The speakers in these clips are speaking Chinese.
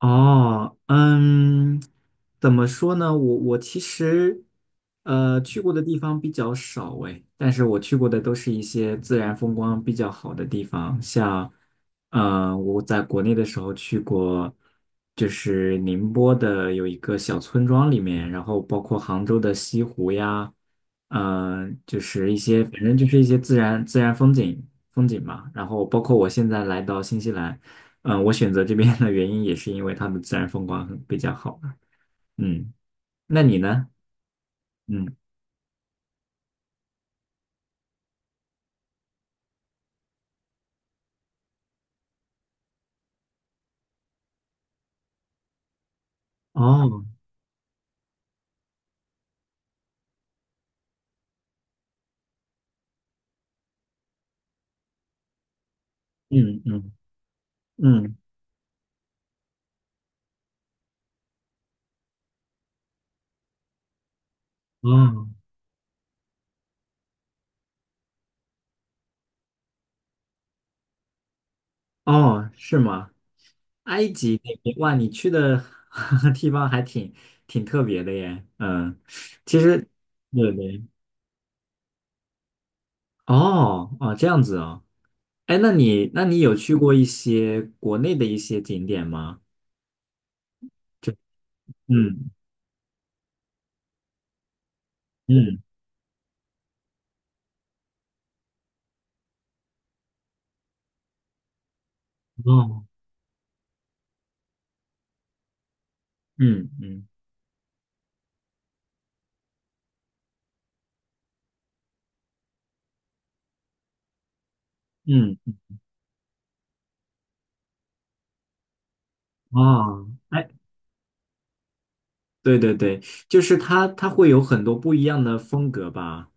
哦，嗯，怎么说呢？我其实，去过的地方比较少诶，但是我去过的都是一些自然风光比较好的地方，像，我在国内的时候去过，就是宁波的有一个小村庄里面，然后包括杭州的西湖呀，就是一些，反正就是一些自然风景嘛，然后包括我现在来到新西兰。嗯，我选择这边的原因也是因为它的自然风光很比较好吧。嗯，那你呢？嗯，哦，嗯嗯嗯，哦哦，是吗？埃及那边，哇，你去的 地方还挺特别的耶。嗯，其实，对对，哦哦，这样子哦。哎，那你有去过一些国内的一些景点吗？就嗯嗯哦嗯嗯嗯哦，哎。对对对，就是它会有很多不一样的风格吧。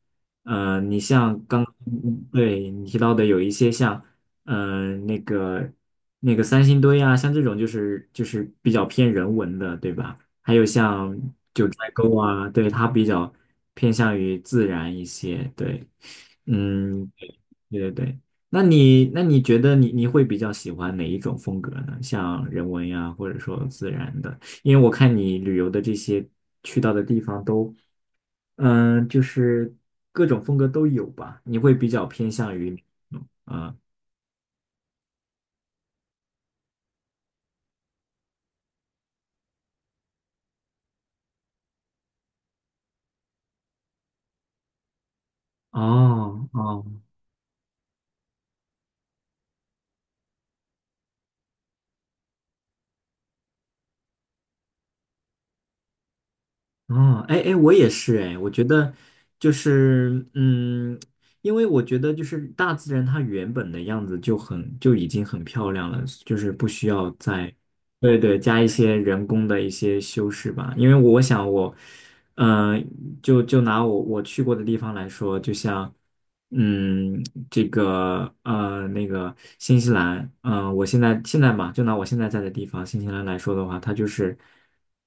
你像刚，嗯对你提到的有一些像，呃，那个那个三星堆啊，像这种就是比较偏人文的，对吧？还有像九寨沟啊，对，它比较偏向于自然一些。对，嗯，对对对。那你觉得你会比较喜欢哪一种风格呢？像人文呀，或者说自然的？因为我看你旅游的这些去到的地方都，就是各种风格都有吧？你会比较偏向于，嗯，哦哦哦，哎哎，我也是哎，我觉得就是，因为我觉得就是大自然它原本的样子就已经很漂亮了，就是不需要再。对对，加一些人工的一些修饰吧，因为我想我，嗯、就拿我去过的地方来说，就像嗯，这个那个新西兰，我现在嘛，就拿我现在在的地方新西兰来说的话，它就是，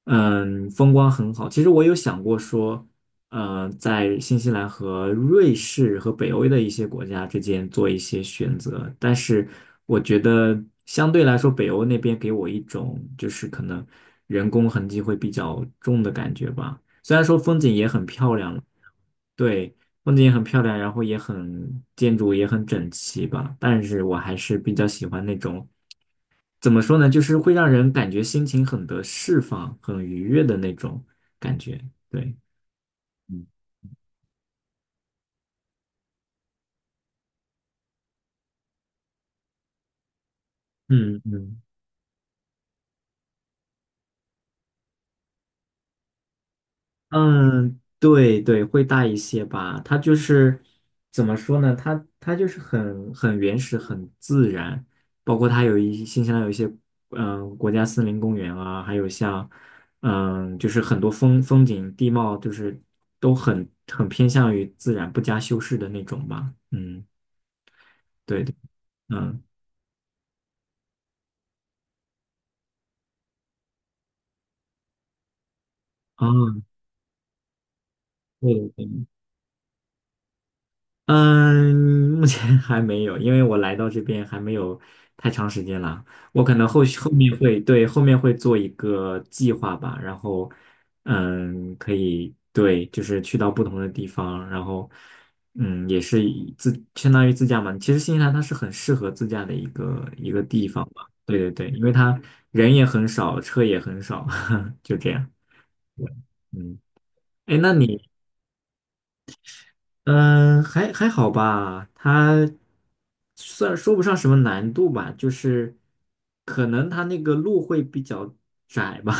风光很好。其实我有想过说，在新西兰和瑞士和北欧的一些国家之间做一些选择，但是我觉得相对来说，北欧那边给我一种就是可能人工痕迹会比较重的感觉吧。虽然说风景也很漂亮。对，风景也很漂亮，然后建筑也很整齐吧。但是我还是比较喜欢那种，怎么说呢，就是会让人感觉心情很得释放、很愉悦的那种感觉。对，嗯，嗯嗯。嗯，对对，会大一些吧。它就是怎么说呢？它就是很原始、很自然。包括它有一新西兰有一些国家森林公园啊，还有像就是很多风景地貌，就是都很偏向于自然、不加修饰的那种吧。嗯，对的，嗯，啊，对的对嗯，目前 还没有，因为我来到这边还没有太长时间了。我可能后续后面会，对，后面会做一个计划吧，然后，嗯，可以，对，就是去到不同的地方，然后，嗯，也是相当于自驾嘛。其实新西兰它是很适合自驾的一个地方吧。对对对，因为它人也很少，车也很少，就这样。对，嗯，哎，那你嗯，还好吧，它算说不上什么难度吧，就是可能它那个路会比较窄吧，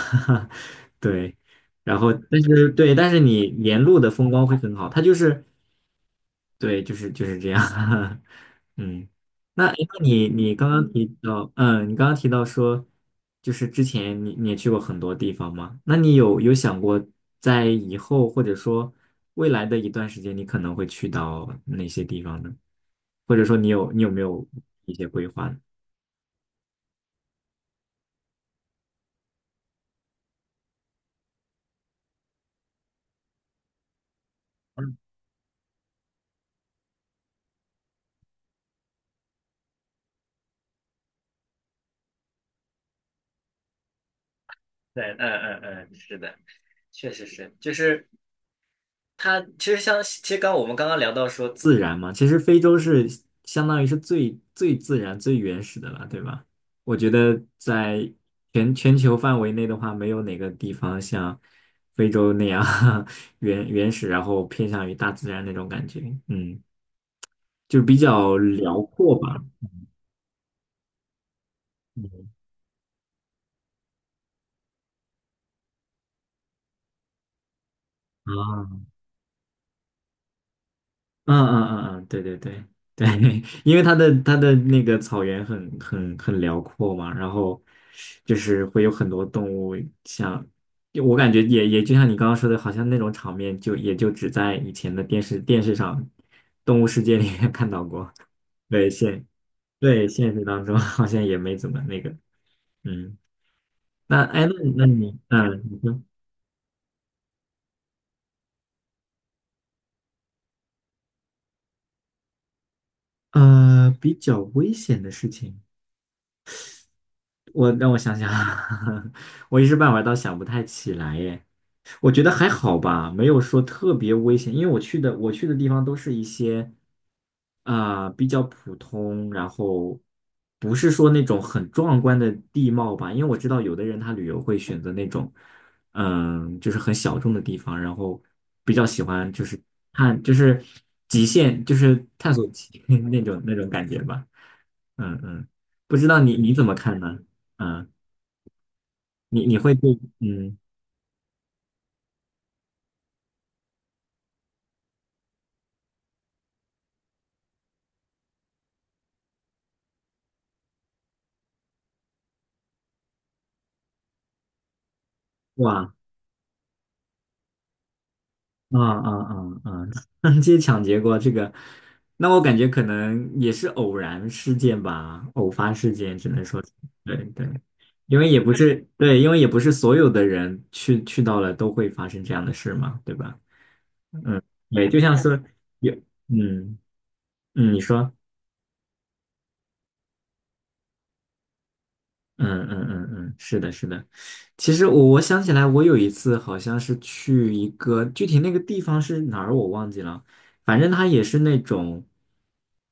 对，然后但是对，但是你沿路的风光会很好，它就是对，就是这样，嗯。那诶那你刚刚提到，你刚刚提到说，就是之前你也去过很多地方嘛？那你有想过在以后或者说未来的一段时间，你可能会去到哪些地方呢？或者说你有没有一些规划呢？对，嗯嗯嗯，是的，确实是，就是。它其实像，其实我们刚刚聊到说自然嘛，其实非洲是相当于是最自然、最原始的了，对吧？我觉得在全球范围内的话，没有哪个地方像非洲那样 原始，然后偏向于大自然那种感觉，嗯，就比较辽阔吧。嗯啊，嗯嗯嗯嗯，对对对对，因为它的那个草原很辽阔嘛，然后就是会有很多动物像，就我感觉也就像你刚刚说的，好像那种场面就也就只在以前的电视上《动物世界》里面看到过，对现对现实当中 好像也没怎么那个，嗯，那哎那那你嗯你说比较危险的事情。让我想想，我一时半会儿倒想不太起来耶。我觉得还好吧，没有说特别危险，因为我去的地方都是一些啊、比较普通，然后不是说那种很壮观的地貌吧，因为我知道有的人他旅游会选择那种就是很小众的地方，然后比较喜欢就是探就是极限，就是探索极 那种感觉吧，嗯嗯，不知道你怎么看呢？嗯，你会对嗯哇。啊啊啊啊！街抢劫过这个，那我感觉可能也是偶然事件吧，偶发事件只能说是对对，因为也不是所有的人去到了都会发生这样的事嘛，对吧？对，就像是有，嗯嗯，你说。嗯嗯嗯嗯，是的，是的。其实我想起来，我有一次好像是去一个具体那个地方是哪儿我忘记了，反正它也是那种，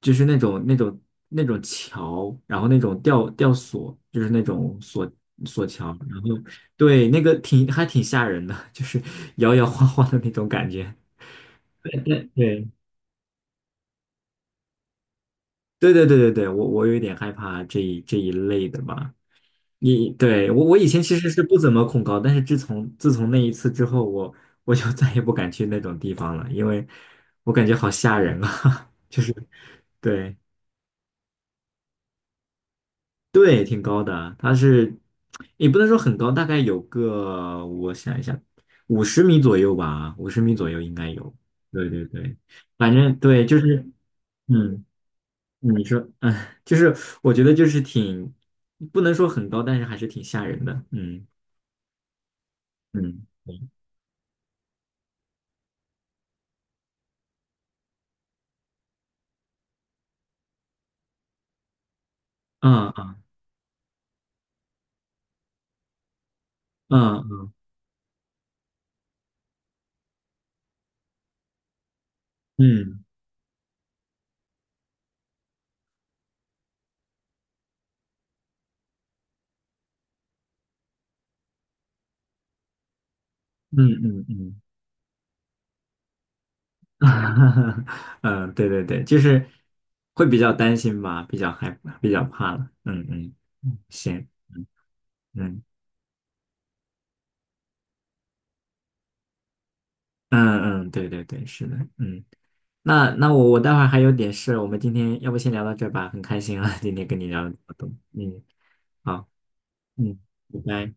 就是那种桥，然后那种吊索，就是那种索桥，然后对那个还挺吓人的，就是摇摇晃晃的那种感觉。对对对对对对，我有一点害怕这一类的吧。你对我，我以前其实是不怎么恐高，但是自从那一次之后，我就 再也不敢去那种地方了，因为我感觉好吓人啊，就是对对，挺高的啊，它是也不能说很高，大概有个我想一下，五十米左右吧，五十米左右应该有。对对对，反正对，就是嗯，你说嗯，就是我觉得就是挺不能说很高，但是还是挺吓人的，嗯嗯。嗯嗯嗯嗯嗯嗯嗯，嗯，对对对，就是会比较担心吧，比较害怕比较怕了。嗯嗯，嗯行，嗯嗯嗯嗯，对对对，是的，嗯。那我待会儿还有点事，我们今天要不先聊到这儿吧，很开心啊，今天跟你聊了这么多。嗯，好，嗯，拜拜。